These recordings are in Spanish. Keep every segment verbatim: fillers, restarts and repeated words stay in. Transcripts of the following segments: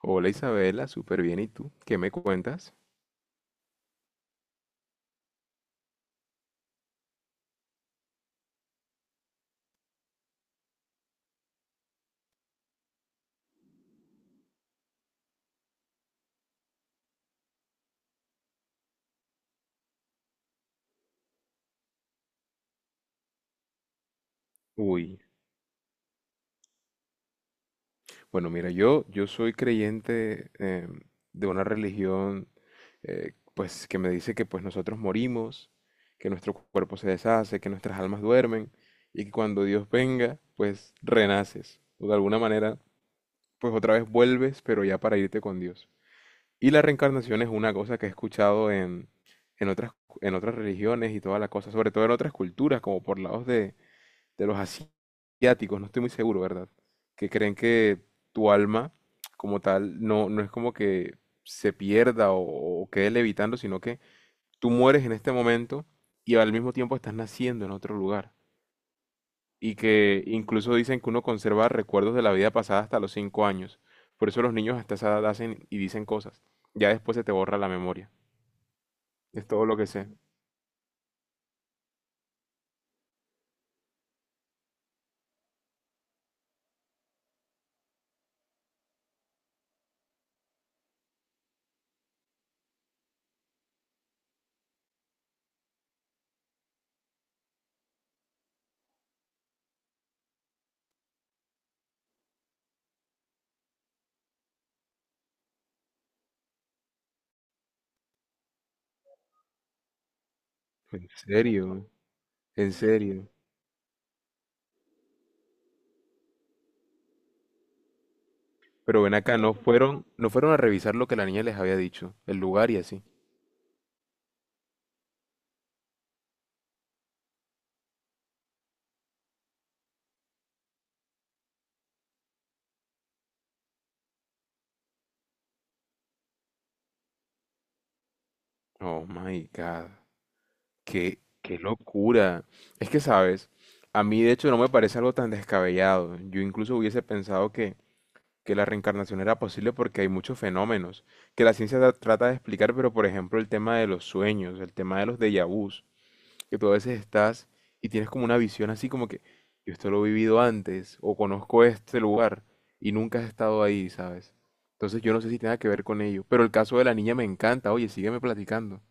Hola Isabela, súper bien. ¿Y tú? ¿Qué me cuentas? Uy, bueno, mira, yo, yo soy creyente em, de una religión eh, pues que me dice que pues nosotros morimos, que nuestro cuerpo se deshace, que nuestras almas duermen y que cuando Dios venga, pues renaces o de alguna manera pues otra vez vuelves, pero ya para irte con Dios. Y la reencarnación es una cosa que he escuchado en, en otras, en otras religiones y toda la cosa, sobre todo en otras culturas, como por lados de, de los asiáticos, no estoy muy seguro, ¿verdad? Que creen que tu alma como tal no, no es como que se pierda o, o quede levitando, sino que tú mueres en este momento y al mismo tiempo estás naciendo en otro lugar. Y que incluso dicen que uno conserva recuerdos de la vida pasada hasta los cinco años. Por eso los niños hasta esa edad hacen y dicen cosas. Ya después se te borra la memoria. Es todo lo que sé. En serio, en serio. Pero ven acá, no fueron, no fueron a revisar lo que la niña les había dicho, el lugar y así. Oh my God, qué, qué locura. Es que, sabes, a mí de hecho no me parece algo tan descabellado. Yo incluso hubiese pensado que, que la reencarnación era posible porque hay muchos fenómenos que la ciencia tra- trata de explicar, pero por ejemplo el tema de los sueños, el tema de los déjà vus, que tú a veces estás y tienes como una visión así como que yo esto lo he vivido antes o conozco este lugar y nunca has estado ahí, ¿sabes? Entonces yo no sé si tenga que ver con ello, pero el caso de la niña me encanta, oye, sígueme platicando.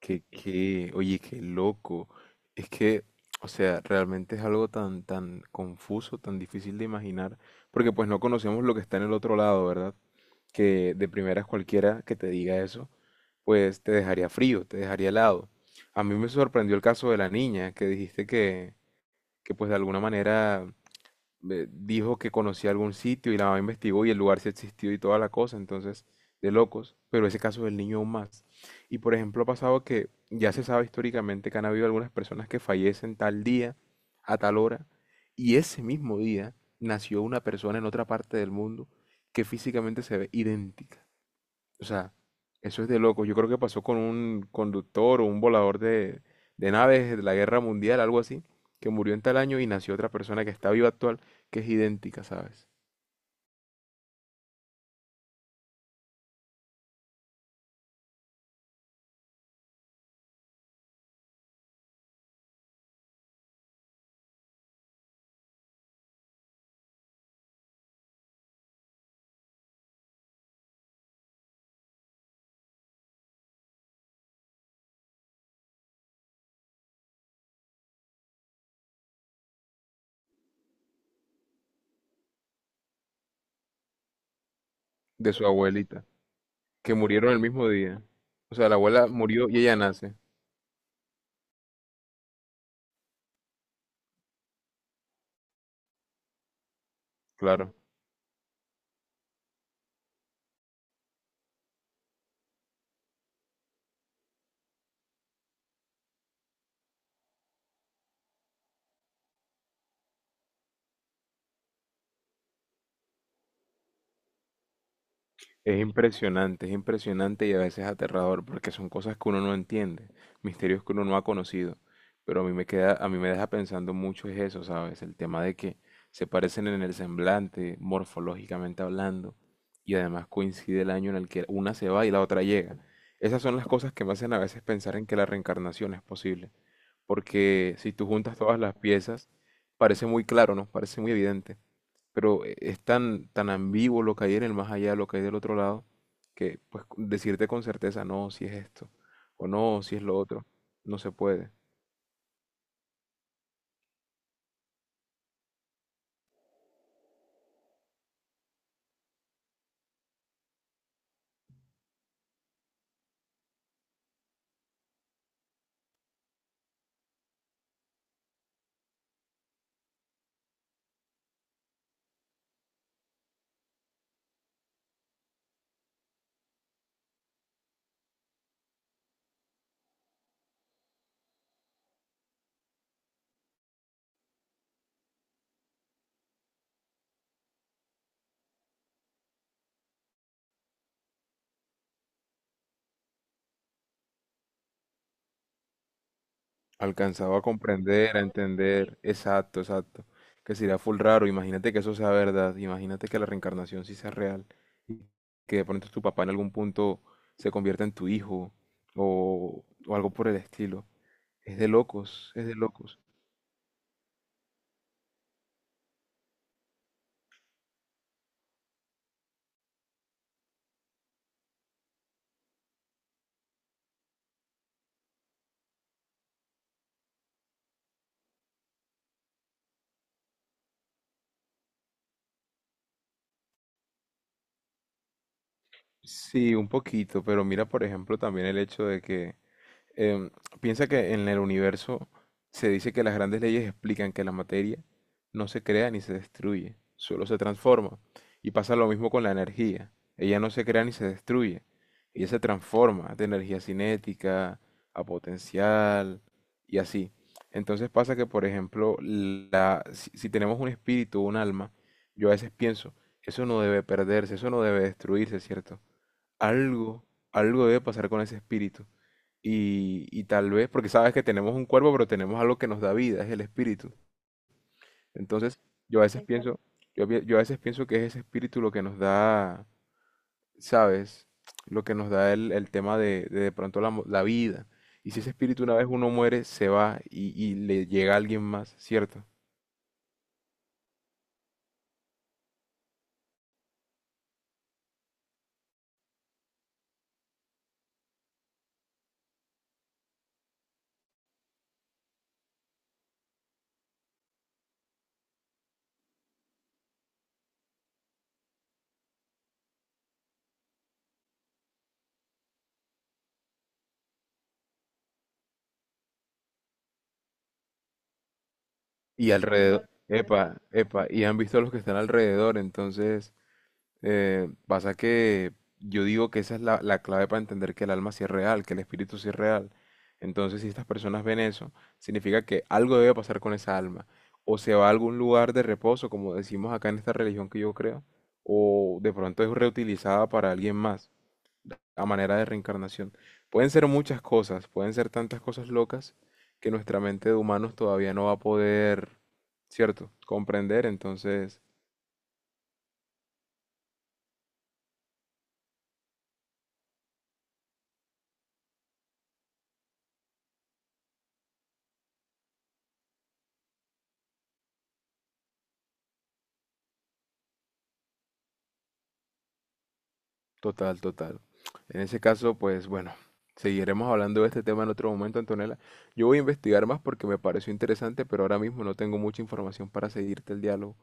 Que, que, oye, qué loco. Es que, o sea, realmente es algo tan, tan confuso, tan difícil de imaginar, porque pues no conocemos lo que está en el otro lado, ¿verdad? Que de primeras cualquiera que te diga eso, pues te dejaría frío, te dejaría helado. A mí me sorprendió el caso de la niña que dijiste que, que pues de alguna manera eh, dijo que conocía algún sitio y la mamá investigó y el lugar sí existió y toda la cosa, entonces de locos, pero ese caso del niño aún más. Y por ejemplo ha pasado que ya se sabe históricamente que han habido algunas personas que fallecen tal día, a tal hora, y ese mismo día nació una persona en otra parte del mundo que físicamente se ve idéntica. O sea, eso es de loco. Yo creo que pasó con un conductor o un volador de, de naves de la Guerra Mundial, algo así, que murió en tal año y nació otra persona que está viva actual, que es idéntica, ¿sabes? De su abuelita, que murieron el mismo día. O sea, la abuela murió y ella nace, claro. Es impresionante, es impresionante y a veces aterrador porque son cosas que uno no entiende, misterios que uno no ha conocido. Pero a mí me queda, a mí me deja pensando mucho es eso, ¿sabes? El tema de que se parecen en el semblante, morfológicamente hablando, y además coincide el año en el que una se va y la otra llega. Esas son las cosas que me hacen a veces pensar en que la reencarnación es posible, porque si tú juntas todas las piezas, parece muy claro, ¿no? Parece muy evidente, pero e- es tan, tan ambiguo lo que hay en el más allá, lo que hay del otro lado, que pues c- decirte con certeza no, si es esto, o no, si es lo otro, no se puede. Alcanzaba a comprender, a entender, exacto, exacto, que sería full raro, imagínate que eso sea verdad, imagínate que la reencarnación sí sea real, y que de pronto tu papá en algún punto se convierta en tu hijo, o, o algo por el estilo. Es de locos, es de locos. Sí, un poquito, pero mira, por ejemplo, también el hecho de que Em, piensa que en el universo se dice que las grandes leyes explican que la materia no se crea ni se destruye, solo se transforma. Y pasa lo mismo con la energía. Ella no se crea ni se destruye. Ella se transforma de energía cinética a potencial y así. Entonces pasa que, por ejemplo, la- si, si tenemos un espíritu, o un alma, yo a veces pienso, eso no debe perderse, eso no debe destruirse, ¿cierto? Algo, algo debe pasar con ese espíritu y, y tal vez, porque sabes que tenemos un cuerpo, pero tenemos algo que nos da vida, es el espíritu. Entonces, yo a veces, exacto, pienso, yo, pi- Yo a veces pienso que es ese espíritu lo que nos da, ¿sabes? Lo que nos da el, el tema de, de de pronto la, mo- la vida. Y si ese espíritu una vez uno muere, se va y, y le llega a alguien más, ¿cierto? Y alrededor, epa, epa, y han visto a los que están alrededor, entonces... Eh, pasa que yo digo que esa es la, la clave para entender que el alma sí es real, que el espíritu sí es real. Entonces, si estas personas ven eso, significa que algo debe pasar con esa alma. O se va a algún lugar de reposo, como decimos acá en esta religión que yo creo, o de pronto es reutilizada para alguien más, a manera de reencarnación. Pueden ser muchas cosas, pueden ser tantas cosas locas que nuestra mente de humanos todavía no va a poder, ¿cierto?, comprender. Entonces, total, total. En ese caso, pues bueno, seguiremos hablando de este tema en otro momento, Antonella. Yo voy a investigar más porque me pareció interesante, pero ahora mismo no tengo mucha información para seguirte el diálogo.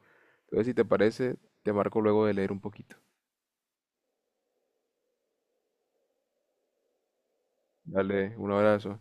Entonces, si te parece, te marco luego de leer un poquito. Dale, un abrazo.